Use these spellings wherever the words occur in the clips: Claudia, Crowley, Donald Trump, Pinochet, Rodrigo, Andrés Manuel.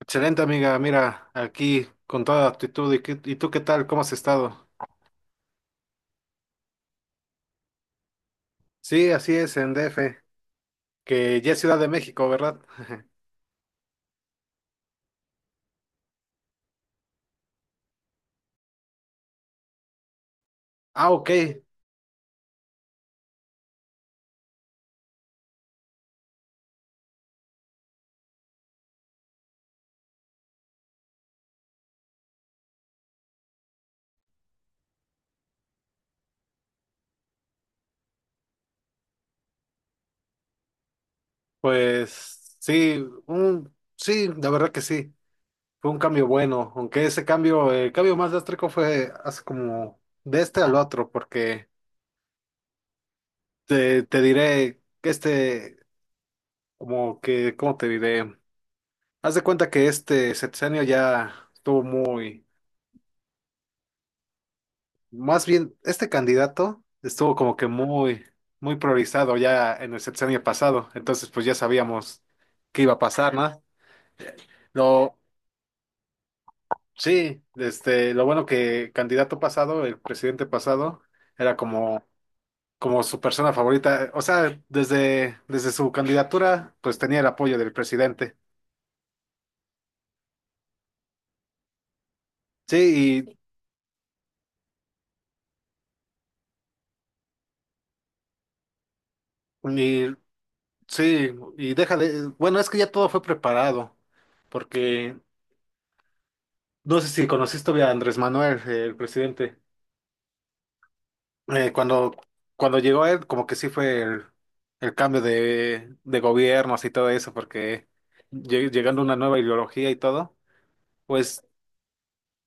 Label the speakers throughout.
Speaker 1: Excelente amiga, mira, aquí con toda actitud. ¿Y tú qué tal? ¿Cómo has estado? Sí, así es, en DF, que ya es Ciudad de México, ¿verdad? Ah, ok, pues sí, sí, la verdad que sí, fue un cambio bueno, aunque ese cambio, el cambio más drástico fue hace como de este al otro, porque te diré que como que, ¿cómo te diré? Haz de cuenta que este sexenio ya estuvo muy. Más bien, este candidato estuvo como que muy, muy priorizado ya en el sexenio pasado, entonces pues ya sabíamos qué iba a pasar, ¿no? Lo, sí, lo bueno que candidato pasado, el presidente pasado, era como su persona favorita, o sea, desde su candidatura, pues tenía el apoyo del presidente. Sí, y sí, y déjale, bueno, es que ya todo fue preparado, porque no sé si conociste a Andrés Manuel, el presidente. eh, cuando, cuando llegó él, como que sí fue el cambio de gobiernos y todo eso, porque llegando una nueva ideología y todo, pues,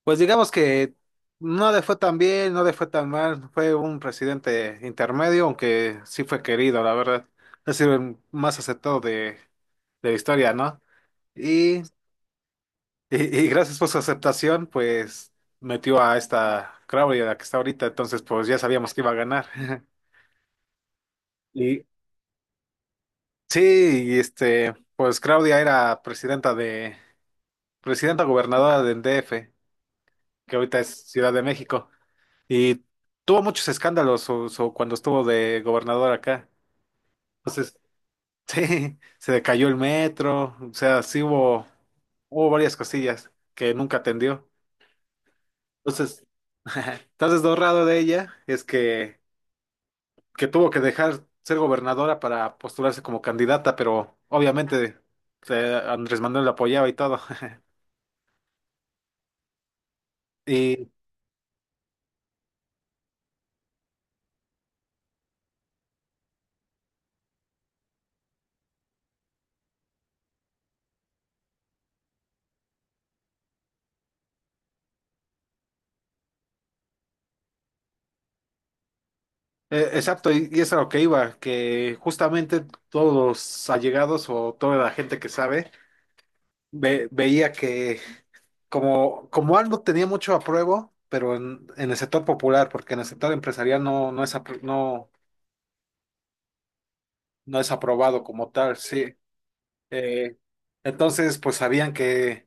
Speaker 1: pues digamos que no le fue tan bien, no le fue tan mal, fue un presidente intermedio, aunque sí fue querido, la verdad. Ha sido el más aceptado de la historia, ¿no? Y, y gracias por su aceptación, pues metió a esta Crowley, a la que está ahorita, entonces pues ya sabíamos que iba a ganar. Y, Sí, pues Claudia era presidenta gobernadora del DF, que ahorita es Ciudad de México, y tuvo muchos escándalos cuando estuvo de gobernadora acá. Entonces, sí, se le cayó el metro, o sea, sí hubo, varias cosillas que nunca atendió. Entonces, entonces lo raro de ella es que tuvo que dejar ser gobernadora para postularse como candidata, pero obviamente Andrés Manuel la apoyaba y todo. y Exacto, y es a lo que iba, que justamente todos los allegados o toda la gente que sabe veía que como, como algo tenía mucho apruebo, pero en el sector popular, porque en el sector empresarial no es, no es aprobado como tal, sí. Eh, entonces, pues sabían que,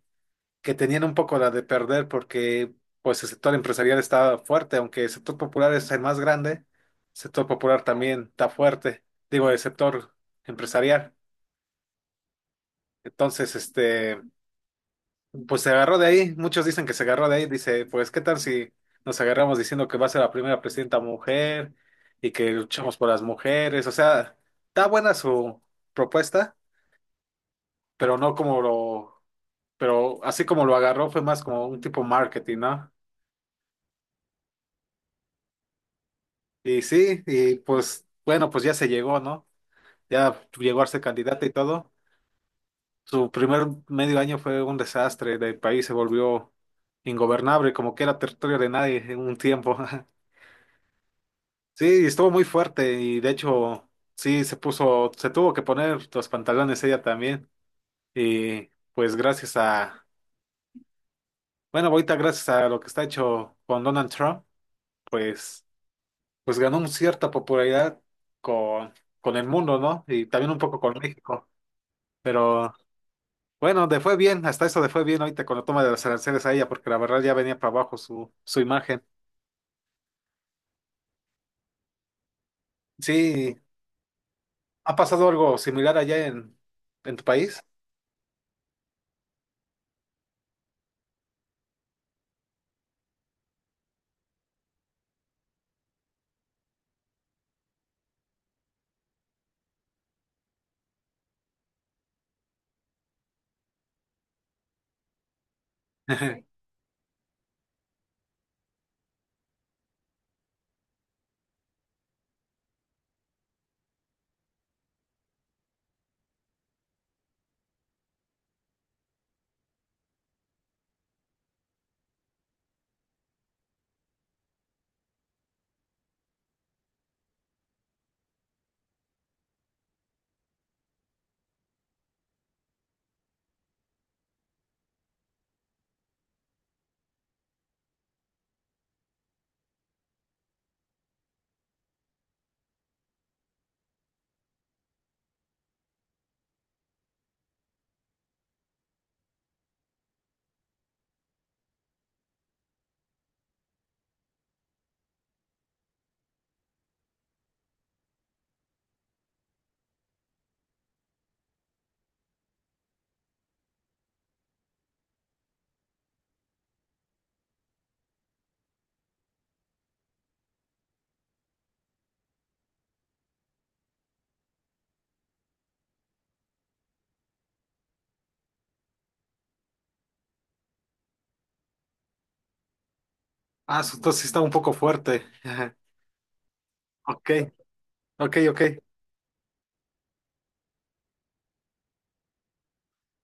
Speaker 1: que tenían un poco la de perder porque pues el sector empresarial está fuerte, aunque el sector popular es el más grande, el sector popular también está fuerte, digo, el sector empresarial. Entonces, pues se agarró de ahí. Muchos dicen que se agarró de ahí. Dice, pues, ¿qué tal si nos agarramos diciendo que va a ser la primera presidenta mujer y que luchamos por las mujeres? O sea, está buena su propuesta, pero no como lo, pero así como lo agarró fue más como un tipo marketing, ¿no? Y sí, y pues, bueno, pues ya se llegó, ¿no? Ya llegó a ser candidata y todo. Su primer medio año fue un desastre, el país se volvió ingobernable, como que era territorio de nadie en un tiempo. Sí, estuvo muy fuerte y de hecho sí se tuvo que poner los pantalones ella también. Y pues bueno, ahorita gracias a lo que está hecho con Donald Trump, pues, pues ganó una cierta popularidad con, con el mundo, ¿no? Y también un poco con México. Pero bueno, le fue bien, hasta eso le fue bien ahorita con la toma de los aranceles a ella, porque la verdad ya venía para abajo su, su imagen. Sí, ¿ha pasado algo similar allá en tu país? Ah, su tos sí está un poco fuerte. Ok, ok, ok.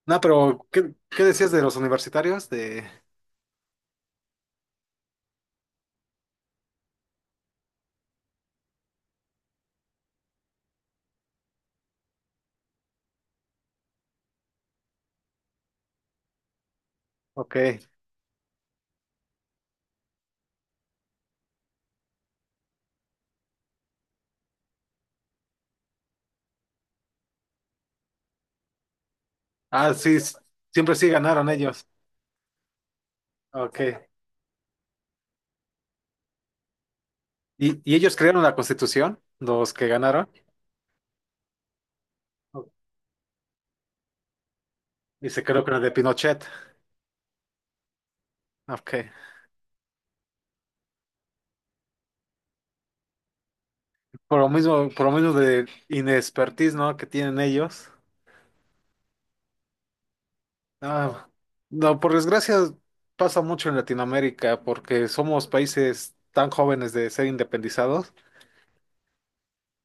Speaker 1: No, pero ¿qué decías de los universitarios? De. Ok. Ah, sí, siempre sí ganaron ellos. Ok. ¿Y ellos crearon la constitución? Los que ganaron. Y se creó con la de Pinochet. Ok. Por lo mismo de inexpertise, ¿no? Que tienen ellos. Ah, no, por desgracia pasa mucho en Latinoamérica porque somos países tan jóvenes de ser independizados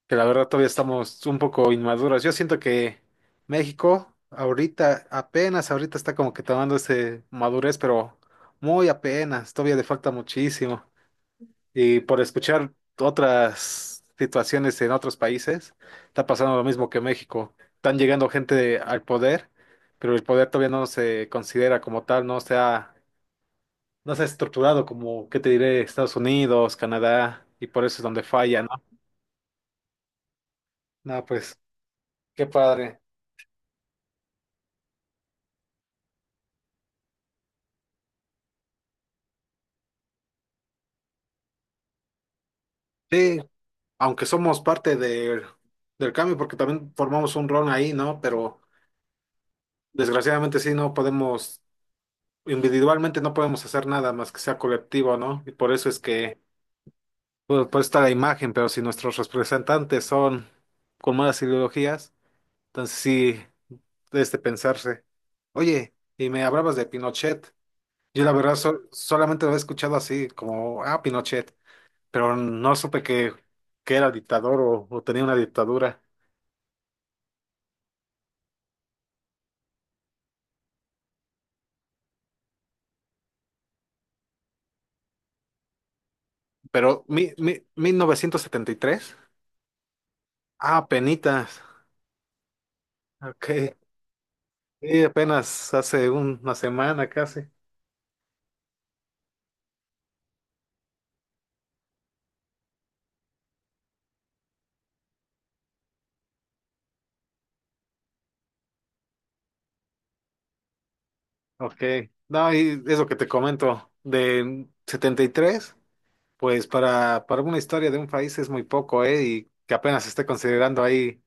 Speaker 1: que la verdad todavía estamos un poco inmaduros. Yo siento que México ahorita, apenas ahorita está como que tomando ese madurez, pero muy apenas, todavía le falta muchísimo. Y por escuchar otras situaciones en otros países, está pasando lo mismo que México. Están llegando gente al poder, pero el poder todavía no se considera como tal, no se ha estructurado como, ¿qué te diré? Estados Unidos, Canadá, y por eso es donde falla, ¿no? No, pues, qué padre. Sí, aunque somos parte del cambio, porque también formamos un rol ahí, ¿no? Pero desgraciadamente sí, no podemos, individualmente no podemos hacer nada más que sea colectivo, ¿no? Y por eso es que Pues, pues está la imagen, pero si nuestros representantes son con malas ideologías, entonces sí, es de pensarse. Oye, y me hablabas de Pinochet. Yo la verdad solamente lo he escuchado así, como, ah, Pinochet, pero no supe que, era dictador o tenía una dictadura. Pero 1973. Ah, penitas, ok, y apenas hace una semana casi, ok. No, y es lo que te comento, de 73. Pues para una historia de un país es muy poco, ¿eh? Y que apenas esté considerando ahí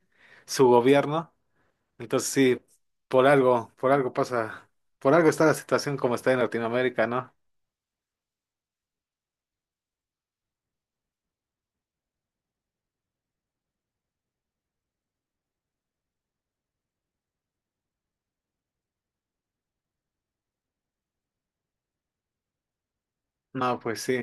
Speaker 1: su gobierno. Entonces sí, por algo pasa, por algo está la situación como está en Latinoamérica, ¿no? No, pues sí,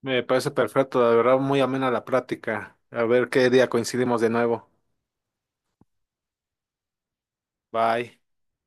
Speaker 1: me parece perfecto, la verdad, muy amena la práctica. A ver qué día coincidimos de nuevo. Bye.